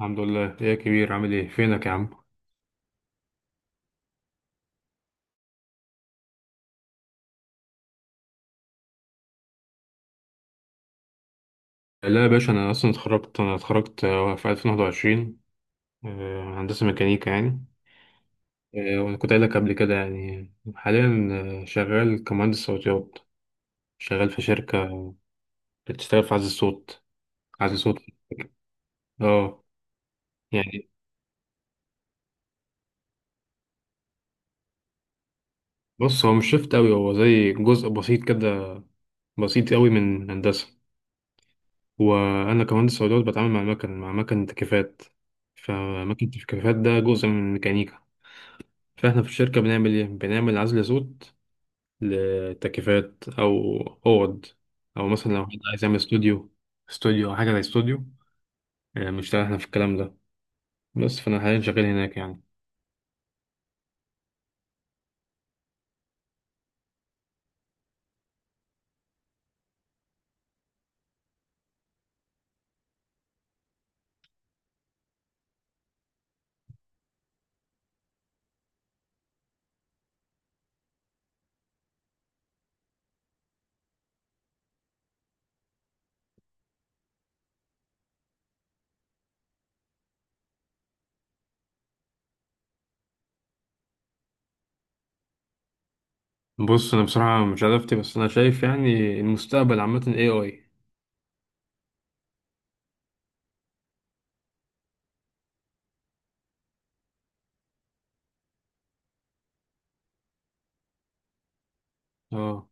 الحمد لله، ايه يا كبير؟ عامل ايه؟ فينك يا عم؟ لا يا باشا، انا اصلا اتخرجت في 2021. هندسه ميكانيكا يعني. وانا كنت قايل لك قبل كده، يعني حاليا شغال كمهندس صوتيات. شغال في شركه بتشتغل في عزل الصوت. عزل صوت. اه. يعني بص، هو مش شفت قوي، هو زي جزء بسيط كده، بسيط قوي من هندسه. وانا كمهندس صوتيات بتعامل مع المكن، مع مكن تكييفات. فمكن التكييفات ده جزء من الميكانيكا. فاحنا في الشركة بنعمل ايه؟ بنعمل عزل صوت لتكييفات، او اوض، او مثلا لو حد عايز يعمل استوديو، استوديو او حاجة زي استوديو. بنشتغل احنا في الكلام ده، بس فانا حاليا شغال هناك يعني. بص انا بصراحة مش عرفت، بس انا شايف يعني المستقبل عامة اي اي. اه.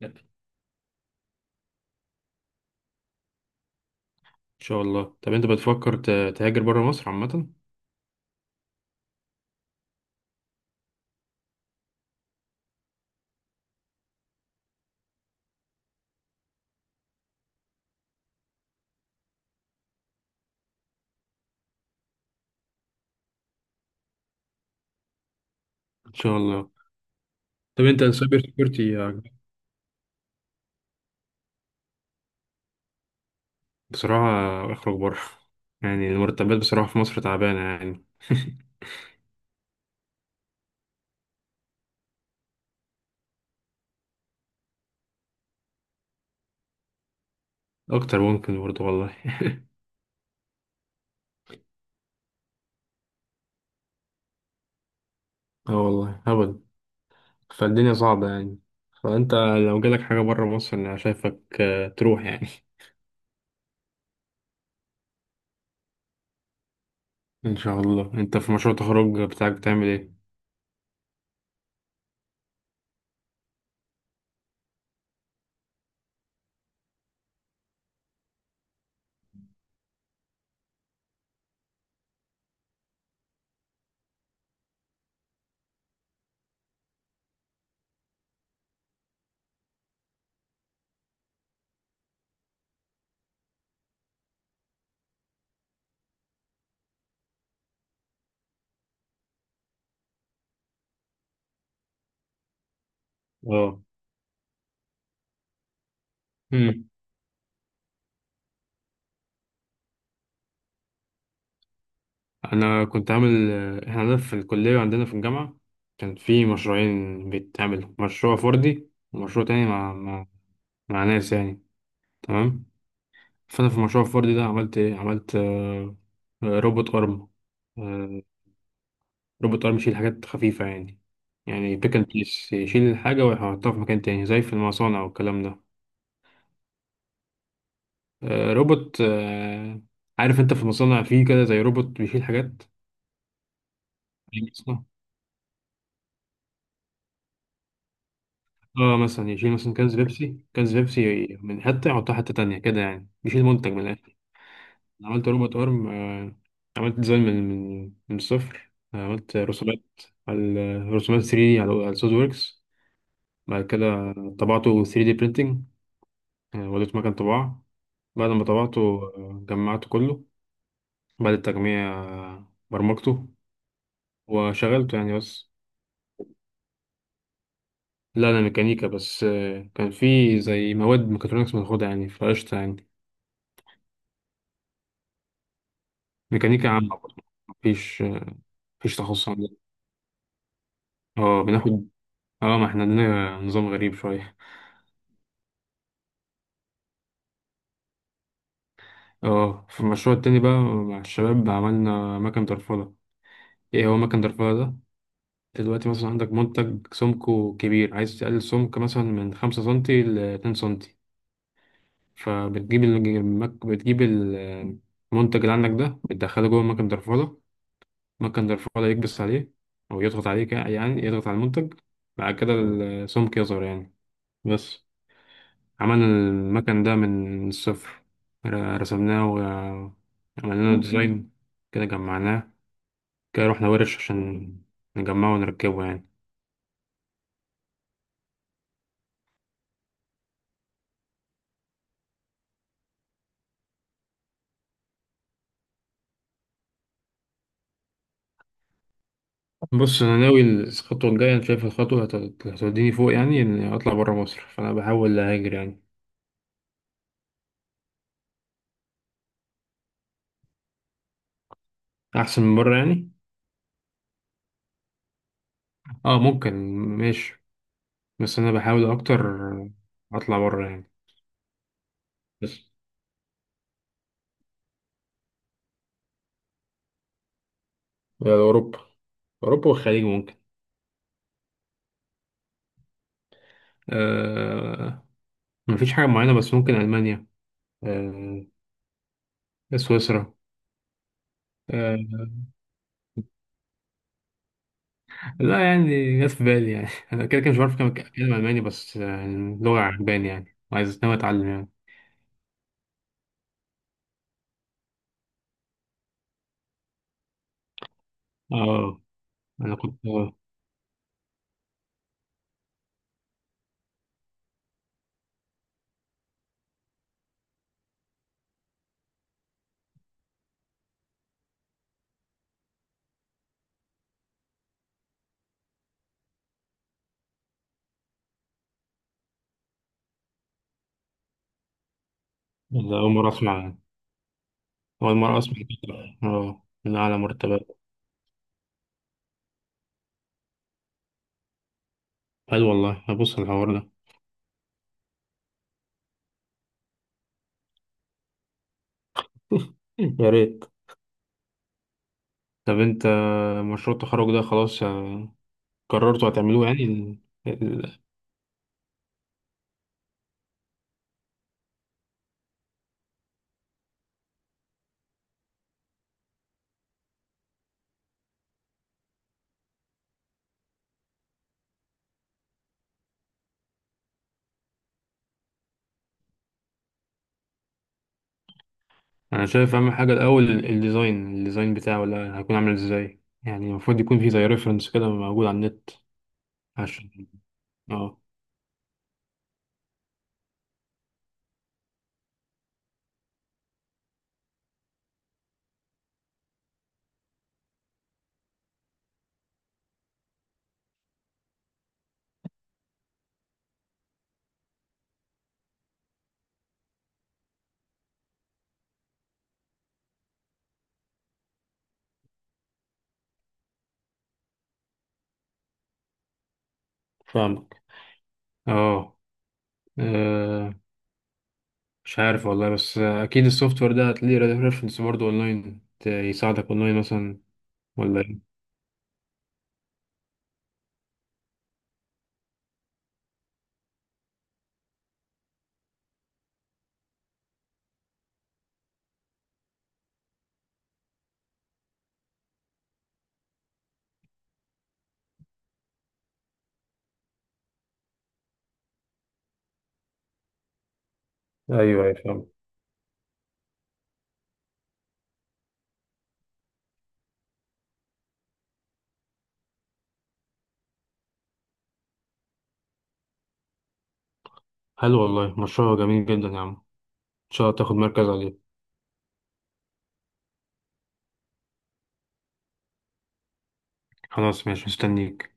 لا. ان شاء الله. طب انت بتفكر تهاجر بره مصر عامة؟ ان شاء الله. طب انت السايبر سيكيورتي عجبك؟ بصراحة اخرج بره. يعني المرتبات بصراحة في مصر تعبانة يعني. اكتر ممكن برضه والله. اه والله هبل. فالدنيا صعبة يعني. فانت لو جالك حاجة بره مصر انا شايفك تروح يعني. ان شاء الله. انت في مشروع التخرج بتاعك بتعمل ايه؟ اه. امم انا كنت عامل احنا عندنا في الكلية وعندنا في الجامعة كان في مشروعين بيتعملوا، مشروع فردي ومشروع تاني مع مع ناس يعني. تمام. فانا في المشروع الفردي ده عملت ايه؟ عملت روبوت ارم. روبوت ارم يشيل حاجات خفيفة، يعني يعني بيك اند بليس، يشيل الحاجة ويحطها في مكان تاني زي في المصانع والكلام ده. روبوت. عارف انت في المصانع فيه كده زي روبوت بيشيل حاجات، يعني مثلا- اه مثلا يشيل مثلا كنز بيبسي، كنز بيبسي من حتة يحطها حتة تانية كده، يعني يشيل منتج من الآخر. أنا عملت روبوت ارم. عملت ديزاين من الصفر. عملت رسومات على رسومات 3D على سوليد ووركس. بعد كده طبعته 3D printing. وديته مكان طباعة. بعد ما طبعته جمعته كله. بعد التجميع برمجته وشغلته يعني بس. لا أنا ميكانيكا بس. كان في زي مواد ميكاترونكس بناخدها يعني، فقشطة يعني. ميكانيكا عامة. مم. مفيش. مفيش تخصص عندنا. اه بناخد. اه ما احنا عندنا نظام غريب شوية. اه في المشروع التاني بقى مع الشباب عملنا مكن درفلة. ايه هو مكن درفلة ده؟ دلوقتي مثلا عندك منتج سمكه كبير، عايز تقلل سمك مثلا من 5 سم لـ 2 سم. بتجيب المنتج اللي عندك ده، بتدخله جوه مكن درفولة. مكن درفولة يكبس عليه أو يضغط عليه، يعني يضغط على المنتج. بعد كده السمك يظهر يعني. بس عملنا المكن ده من الصفر. رسمناه وعملنا له ديزاين، كده جمعناه، كده رحنا ورش عشان نجمعه ونركبه يعني. بص أنا ناوي الخطوة الجاية. أنا شايف الخطوة هتوديني فوق، يعني إني أطلع برا مصر، فأنا بحاول أهاجر يعني. أحسن من برا يعني. اه ممكن ماشي، بس انا بحاول اكتر اطلع بره يعني. بس اوروبا. اوروبا والخليج ممكن. آه. مفيش حاجه معينه، بس ممكن المانيا، آه، سويسرا. آه، لا يعني، جت في بالي يعني. انا كده كده مش بعرف أتكلم الماني، بس اللغه عجباني يعني وعايز، ناوي اتعلم يعني. اه. انا كنت أنا اول مره اسمع يعني. اول مره اسمع كده. اه من اعلى مرتبات. حلو والله، هبص على الحوار ده. يا ريت. طب انت، مشروع التخرج ده خلاص قررتوا هتعملوه؟ يعني ال... انا شايف اهم حاجه الاول الديزاين بتاعه، ولا هيكون عامل ازاي؟ يعني المفروض يكون في زي ريفرنس كده موجود على النت عشان. اه فاهمك. اه. آه، مش عارف والله، بس اكيد السوفت وير ده هتلاقيه ريفرنس برضه اونلاين، يساعدك اونلاين مثلا. ولا ايه؟ ايوه ايوه فاهم. حلو والله مشروع جميل جدا يا عم. ان شاء الله تاخد مركز عليه. خلاص ماشي مستنيك.